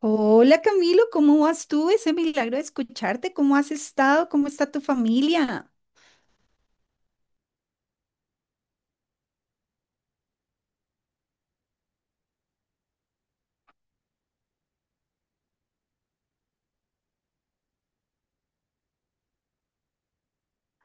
Hola Camilo, ¿cómo vas tú? Ese milagro de escucharte, ¿cómo has estado? ¿Cómo está tu familia?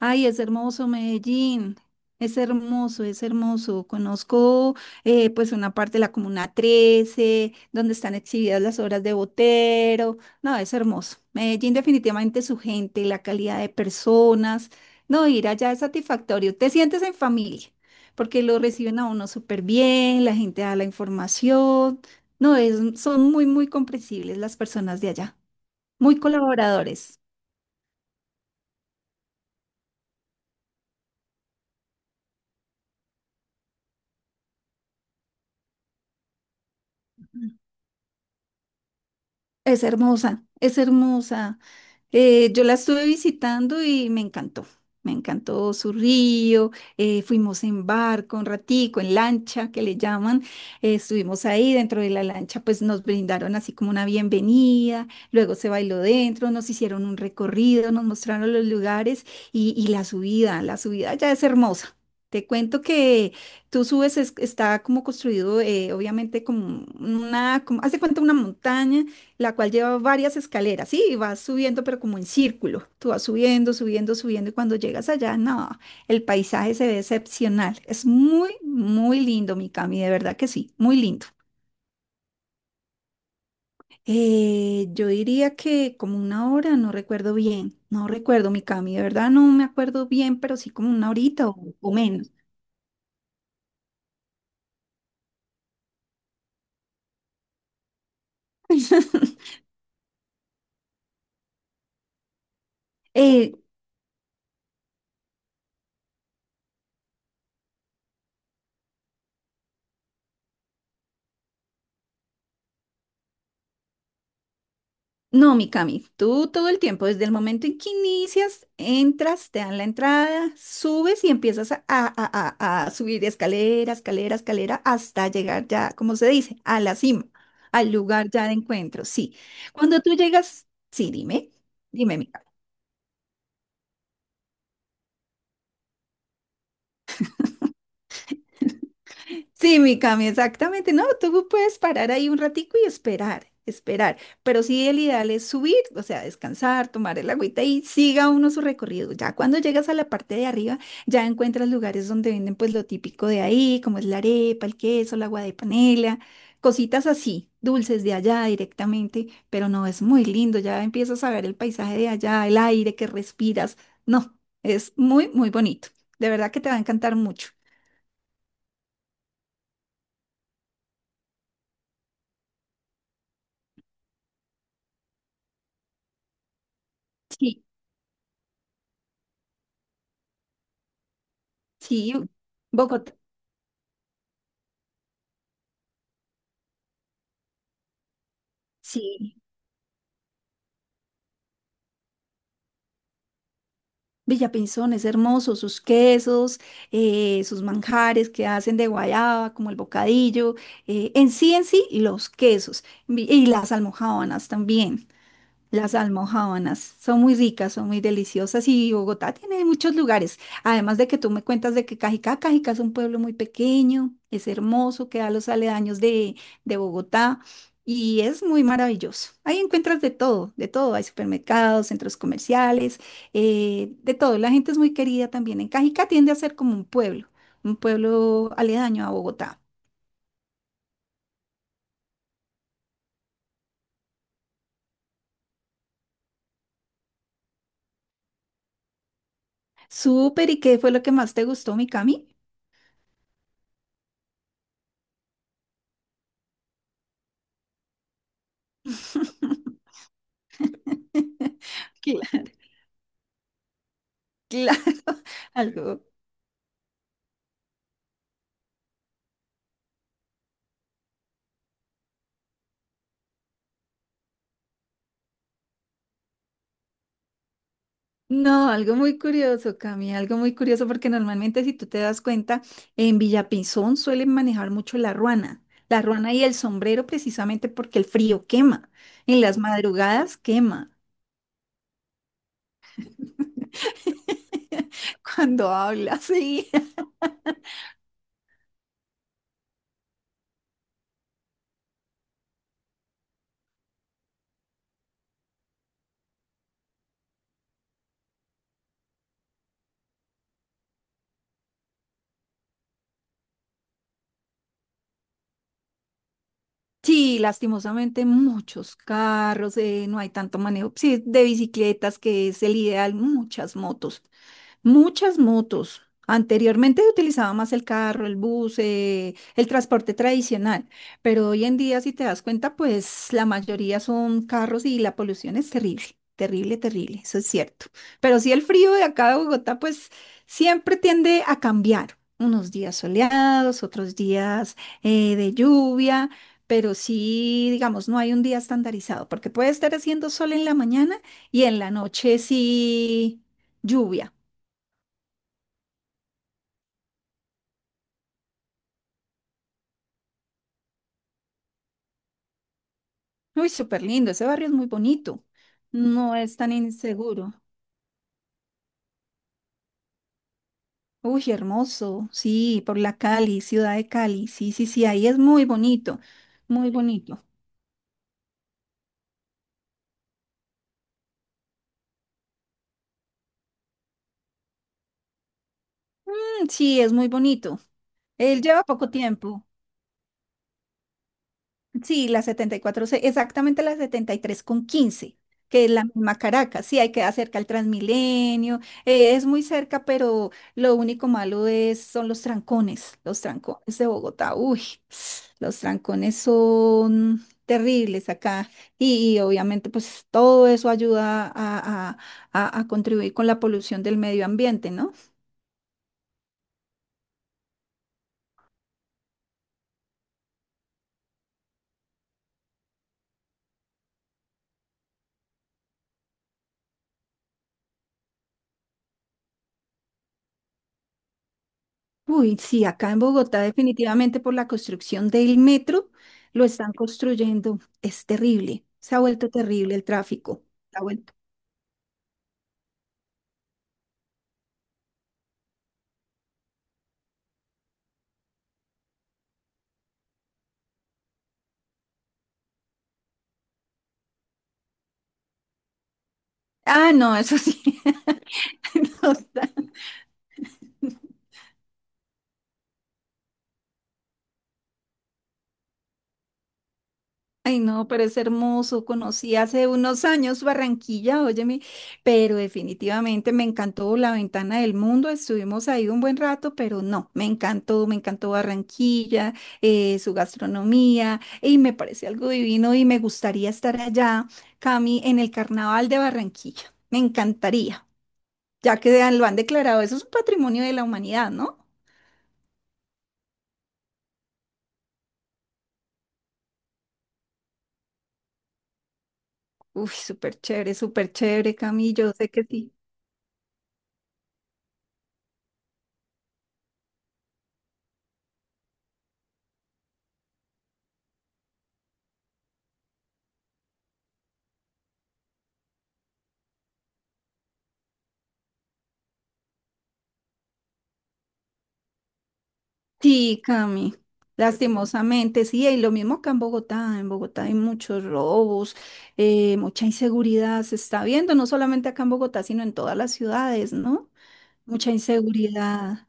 Ay, es hermoso Medellín. Es hermoso, es hermoso. Conozco pues una parte de la Comuna 13, donde están exhibidas las obras de Botero. No, es hermoso. Medellín definitivamente su gente, la calidad de personas. No, ir allá es satisfactorio. Te sientes en familia, porque lo reciben a uno súper bien, la gente da la información. No, es, son muy, muy comprensibles las personas de allá, muy colaboradores. Es hermosa, es hermosa. Yo la estuve visitando y me encantó. Me encantó su río, fuimos en barco un ratico, en lancha que le llaman, estuvimos ahí dentro de la lancha, pues nos brindaron así como una bienvenida, luego se bailó dentro, nos hicieron un recorrido, nos mostraron los lugares y la subida ya es hermosa. Te cuento que tú subes, está como construido, obviamente como una, como, haz de cuenta una montaña la cual lleva varias escaleras, sí, y vas subiendo, pero como en círculo. Tú vas subiendo, subiendo, subiendo, y cuando llegas allá, no, el paisaje se ve excepcional. Es muy, muy lindo, mi Cami, de verdad que sí, muy lindo. Yo diría que como una hora, no recuerdo bien, no recuerdo, mi Cami, de verdad no me acuerdo bien, pero sí como una horita o menos. Eh, No, Mikami, tú todo el tiempo, desde el momento en que inicias, entras, te dan la entrada, subes y empiezas a subir escalera, escalera, escalera, hasta llegar ya, como se dice, a la cima, al lugar ya de encuentro. Sí. Cuando tú llegas, sí, dime, dime, Mikami. Sí, mi Cami, exactamente. No, tú puedes parar ahí un ratico y esperar, esperar. Pero sí, el ideal es subir, o sea, descansar, tomar el agüita y siga uno su recorrido. Ya cuando llegas a la parte de arriba, ya encuentras lugares donde venden pues lo típico de ahí, como es la arepa, el queso, el agua de panela, cositas así, dulces de allá directamente. Pero no, es muy lindo. Ya empiezas a ver el paisaje de allá, el aire que respiras. No, es muy, muy bonito. De verdad que te va a encantar mucho. Sí. Sí, Bogotá, sí, Villapinzón es hermoso, sus quesos, sus manjares que hacen de guayaba, como el bocadillo, en sí, los y las almojábanas también. Las almojábanas son muy ricas, son muy deliciosas y Bogotá tiene muchos lugares. Además de que tú me cuentas de que Cajicá, Cajicá es un pueblo muy pequeño, es hermoso, queda a los aledaños de Bogotá y es muy maravilloso. Ahí encuentras de todo, de todo. Hay supermercados, centros comerciales, de todo. La gente es muy querida también. En Cajicá tiende a ser como un pueblo aledaño a Bogotá. Súper, ¿y qué fue lo que más te gustó, mi Cami? Claro. Claro, algo, no, algo muy curioso, Cami, algo muy curioso, porque normalmente si tú te das cuenta, en Villapinzón suelen manejar mucho la ruana y el sombrero precisamente porque el frío quema, en las madrugadas quema, cuando habla sí. Sí, lastimosamente muchos carros, no hay tanto manejo, sí, de bicicletas que es el ideal, muchas motos. Muchas motos. Anteriormente se utilizaba más el carro, el bus, el transporte tradicional, pero hoy en día, si te das cuenta, pues la mayoría son carros y la polución es terrible, terrible, terrible, eso es cierto. Pero sí el frío de acá de Bogotá, pues siempre tiende a cambiar, unos días soleados, otros días de lluvia, pero sí, digamos, no hay un día estandarizado, porque puede estar haciendo sol en la mañana y en la noche sí lluvia. Uy, súper lindo, ese barrio es muy bonito, no es tan inseguro. Uy, hermoso, sí, por la Cali, ciudad de Cali, sí, sí, sí, ahí es muy bonito, muy bonito. Mm, sí, es muy bonito. Él lleva poco tiempo. Sí, la 74 se- exactamente la 73 con 15, que es la misma Caracas. Sí, hay que cerca al Transmilenio, es muy cerca, pero lo único malo es, son los trancones de Bogotá. Uy, los trancones son terribles acá y obviamente pues todo eso ayuda a contribuir con la polución del medio ambiente, ¿no? Uy, sí, acá en Bogotá definitivamente por la construcción del metro lo están construyendo. Es terrible, se ha vuelto terrible el tráfico. Se ha vuelto. Ah, no, eso sí. No, está- Ay, no, pero es hermoso. Conocí hace unos años Barranquilla, óyeme, pero definitivamente me encantó La Ventana del Mundo. Estuvimos ahí un buen rato, pero no, me encantó Barranquilla, su gastronomía, y me parece algo divino y me gustaría estar allá, Cami, en el Carnaval de Barranquilla. Me encantaría, ya que lo han declarado, eso es un patrimonio de la humanidad, ¿no? Uy, súper chévere, Cami, yo sé que sí. Sí, Cami, lastimosamente, sí, y lo mismo acá en Bogotá hay muchos robos, mucha inseguridad se está viendo, no solamente acá en Bogotá, sino en todas las ciudades, ¿no? Mucha inseguridad,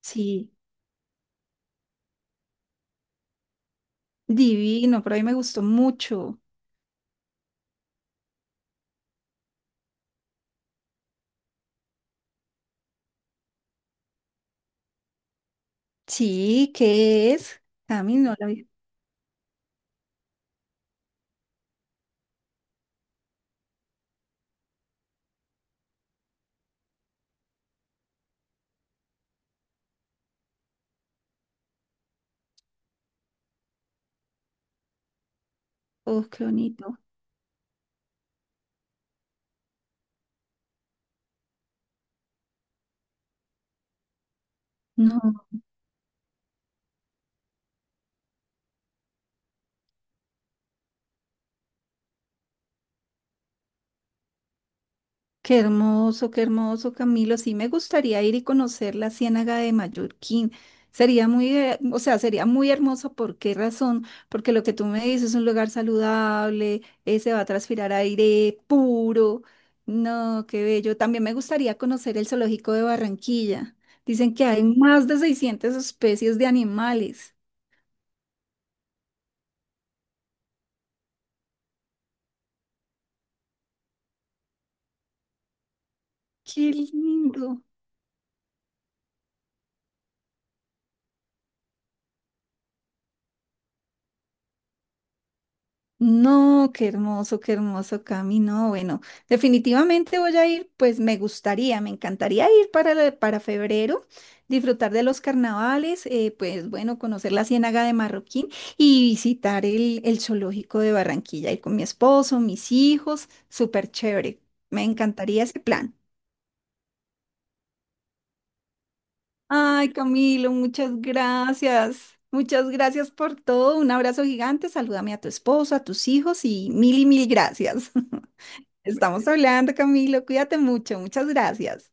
sí, divino, pero a mí me gustó mucho. Sí, ¿qué es? Cami, no la vi. Oh, qué bonito. No. Qué hermoso, Camilo. Sí, me gustaría ir y conocer la Ciénaga de Mallorquín. Sería muy, o sea, sería muy hermoso. ¿Por qué razón? Porque lo que tú me dices es un lugar saludable, se va a transpirar aire puro. No, qué bello. También me gustaría conocer el zoológico de Barranquilla. Dicen que hay más de 600 especies de animales. Qué lindo. No, qué hermoso, Cami. No, bueno, definitivamente voy a ir, pues me gustaría, me encantaría ir para, para febrero, disfrutar de los carnavales, pues bueno, conocer la Ciénaga de Marroquín y visitar el zoológico de Barranquilla, ir con mi esposo, mis hijos, súper chévere. Me encantaría ese plan. Ay, Camilo, muchas gracias. Muchas gracias por todo. Un abrazo gigante. Salúdame a tu esposo, a tus hijos y mil gracias. Estamos hablando, Camilo. Cuídate mucho. Muchas gracias.